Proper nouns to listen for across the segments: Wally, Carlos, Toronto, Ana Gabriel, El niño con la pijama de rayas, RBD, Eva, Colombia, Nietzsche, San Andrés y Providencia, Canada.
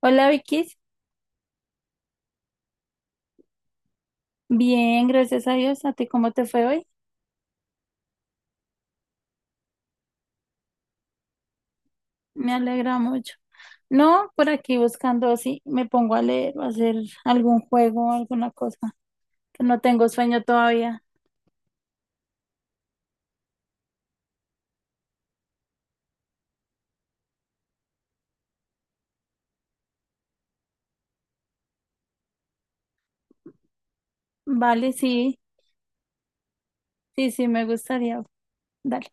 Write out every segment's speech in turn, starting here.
Hola Vicky, bien, gracias a Dios. ¿A ti cómo te fue hoy? Me alegra mucho. No, por aquí buscando si me pongo a leer o a hacer algún juego o alguna cosa, que no tengo sueño todavía. Vale, sí, sí, sí, me gustaría. Dale,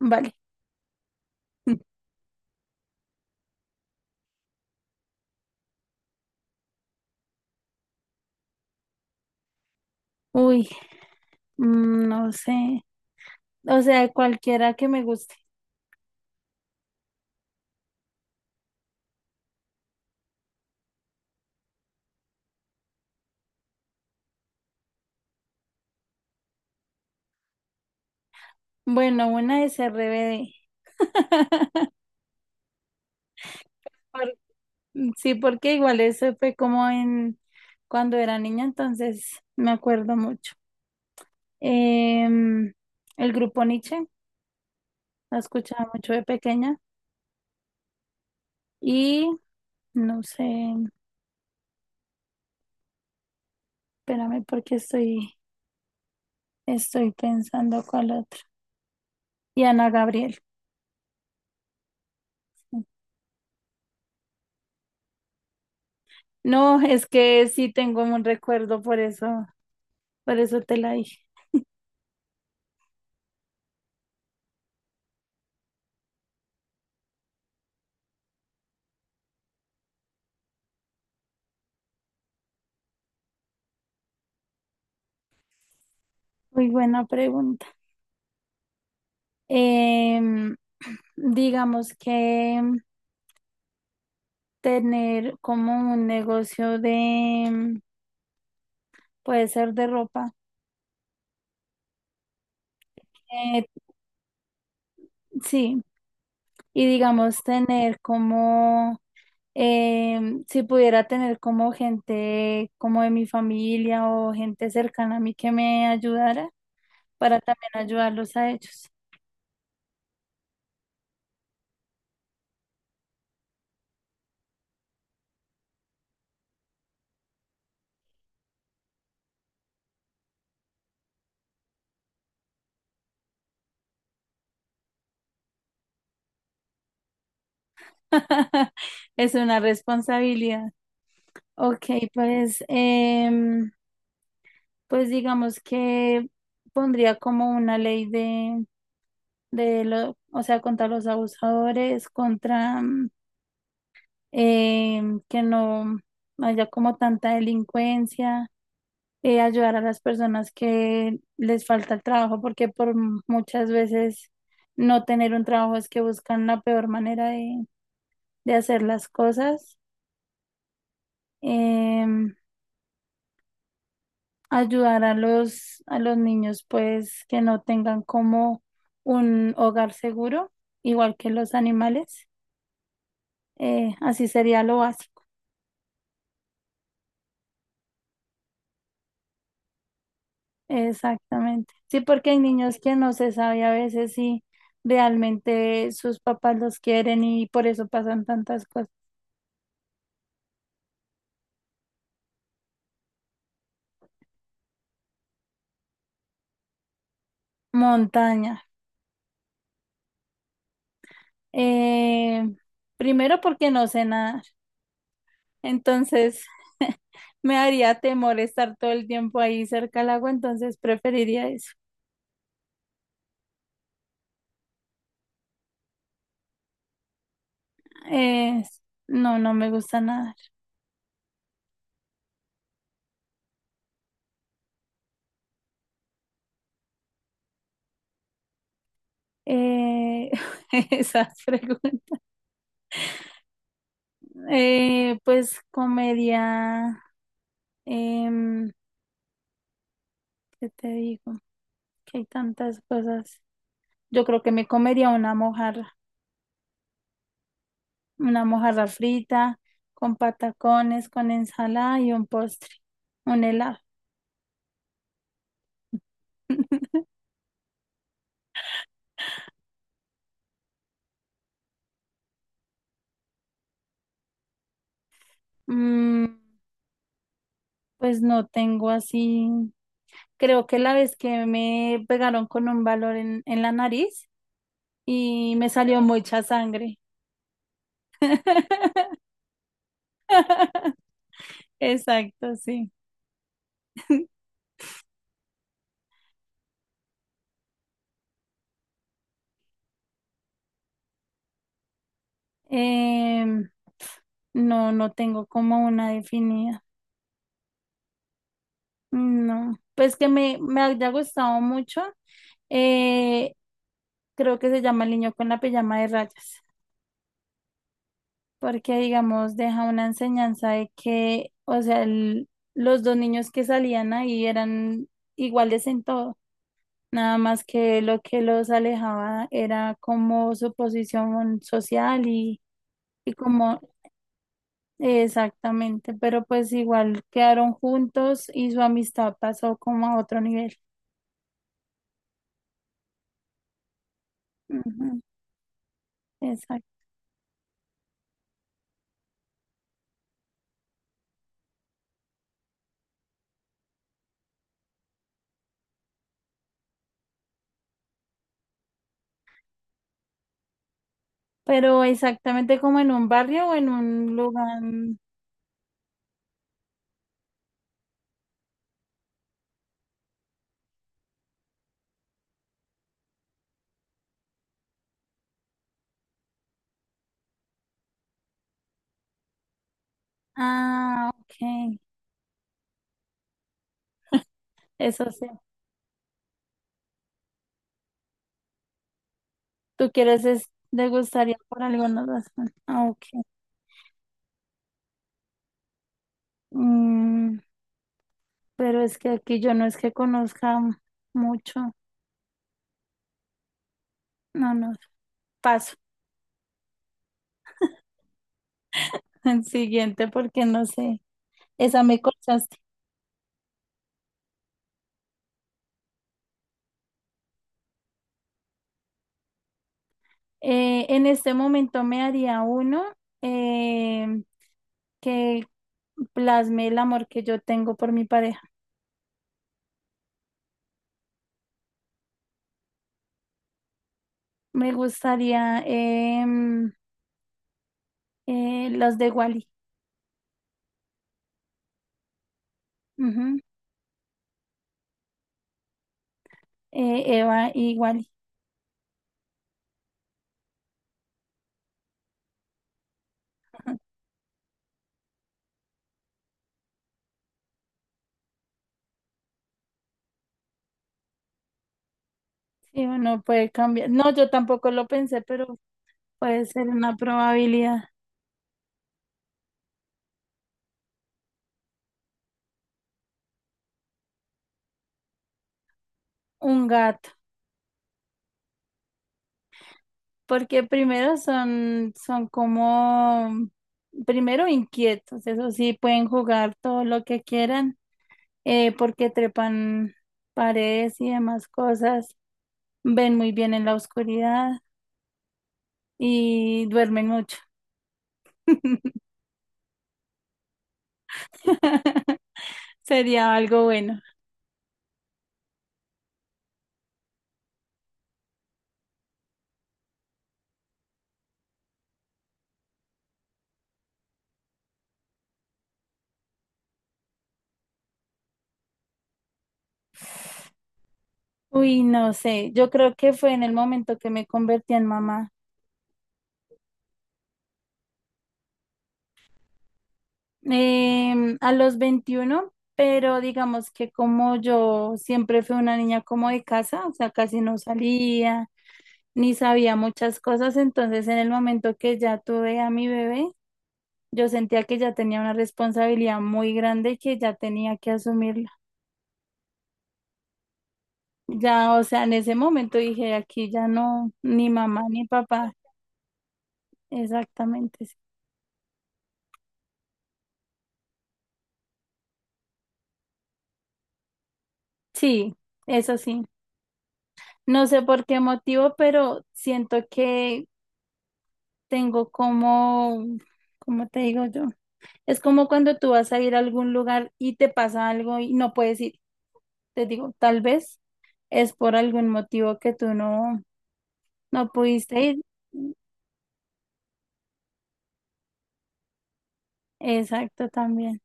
vale. Uy, no sé. O sea, cualquiera que me guste. Bueno, una es RBD. Por- Sí, porque igual eso fue como en cuando era niña, entonces me acuerdo mucho. Em, el grupo Nietzsche, la escuchaba mucho de pequeña y no sé, espérame porque estoy pensando cuál otro. Y Ana Gabriel. No, es que sí tengo un recuerdo, por eso te la dije. Muy buena pregunta. Em, digamos que tener como un negocio de, puede ser de ropa. Eh, sí, y digamos tener como si pudiera tener como gente como de mi familia o gente cercana a mí que me ayudara para también ayudarlos a ellos. Es una responsabilidad. Ok, pues, pues digamos que pondría como una ley de lo, o sea, contra los abusadores, contra que no haya como tanta delincuencia ayudar a las personas que les falta el trabajo, porque por muchas veces no tener un trabajo es que buscan la peor manera de hacer las cosas. Em, Ayudar a los niños, pues, que no tengan como un hogar seguro, igual que los animales. Así sería lo básico. Exactamente. Sí, porque hay niños que no se sabe a veces si realmente sus papás los quieren y por eso pasan tantas cosas. Montaña. Eh, Primero porque no sé nadar, entonces me haría temor estar todo el tiempo ahí cerca al agua, entonces preferiría eso. Eh, no, no me gusta nadar. Eh, esas preguntas. Pues comería, em, ¿qué te digo? Que hay tantas cosas. Yo creo que me comería una mojarra frita con patacones, con ensalada y un postre, un helado. Mm, pues no tengo así. Creo que la vez que me pegaron con un valor en la nariz y me salió mucha sangre. Exacto, sí. Em, no, no tengo como una definida. No. Pues que me haya gustado mucho. eh, Creo que se llama El niño con la pijama de rayas. Porque, digamos, deja una enseñanza de que, o sea, los dos niños que salían ahí eran iguales en todo, nada más que lo que los alejaba era como su posición social y como exactamente, pero pues igual quedaron juntos y su amistad pasó como a otro nivel. Ujú, exacto. Pero exactamente como en un barrio o en un lugar. Ah, ok. Eso sí. Tú quieres es degustaría por alguna razón. Ah, ok. Mm, pero es que aquí yo no es que conozca mucho. No, no. Paso. El siguiente porque no sé. Esa me cortaste. En este momento me haría uno eh, que plasme el amor que yo tengo por mi pareja. Me gustaría los de Wally. Ujú. Eva y Wally. Sí, uno puede cambiar. No, yo tampoco lo pensé, pero Puede ser una probabilidad. Un gato, porque primero son, son como, primero inquietos, eso sí, pueden jugar todo lo que quieran, porque trepan paredes y demás cosas, ven muy bien en la oscuridad y duermen mucho. Sería algo bueno. Uy, no sé, yo creo que fue en el momento que me convertí en mamá. A los 21 pero digamos que como yo siempre fui una niña como de casa, o sea, casi no salía, ni sabía muchas cosas, entonces en el momento que ya tuve a mi bebé, yo sentía que ya tenía una responsabilidad muy grande y que ya tenía que asumirla. Ya, o sea, en ese momento dije, aquí ya no, ni mamá ni papá, exactamente. Sí, sí, eso sí. No sé por qué motivo, pero siento que tengo como, ¿cómo te digo yo? Es como cuando tú vas a ir a algún lugar y te pasa algo y no puedes ir. Te digo, tal vez es por algún motivo que tú no, no pudiste ir. Exacto, también,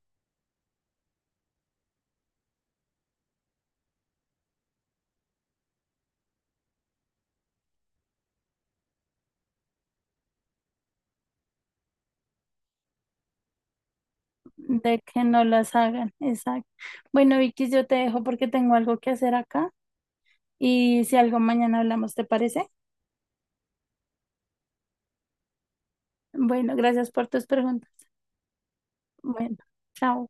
de que no las hagan, exacto. Bueno, Vicky, yo te dejo porque tengo algo que hacer acá y si algo mañana hablamos, ¿te parece? Bueno, gracias por tus preguntas. Bueno, chao.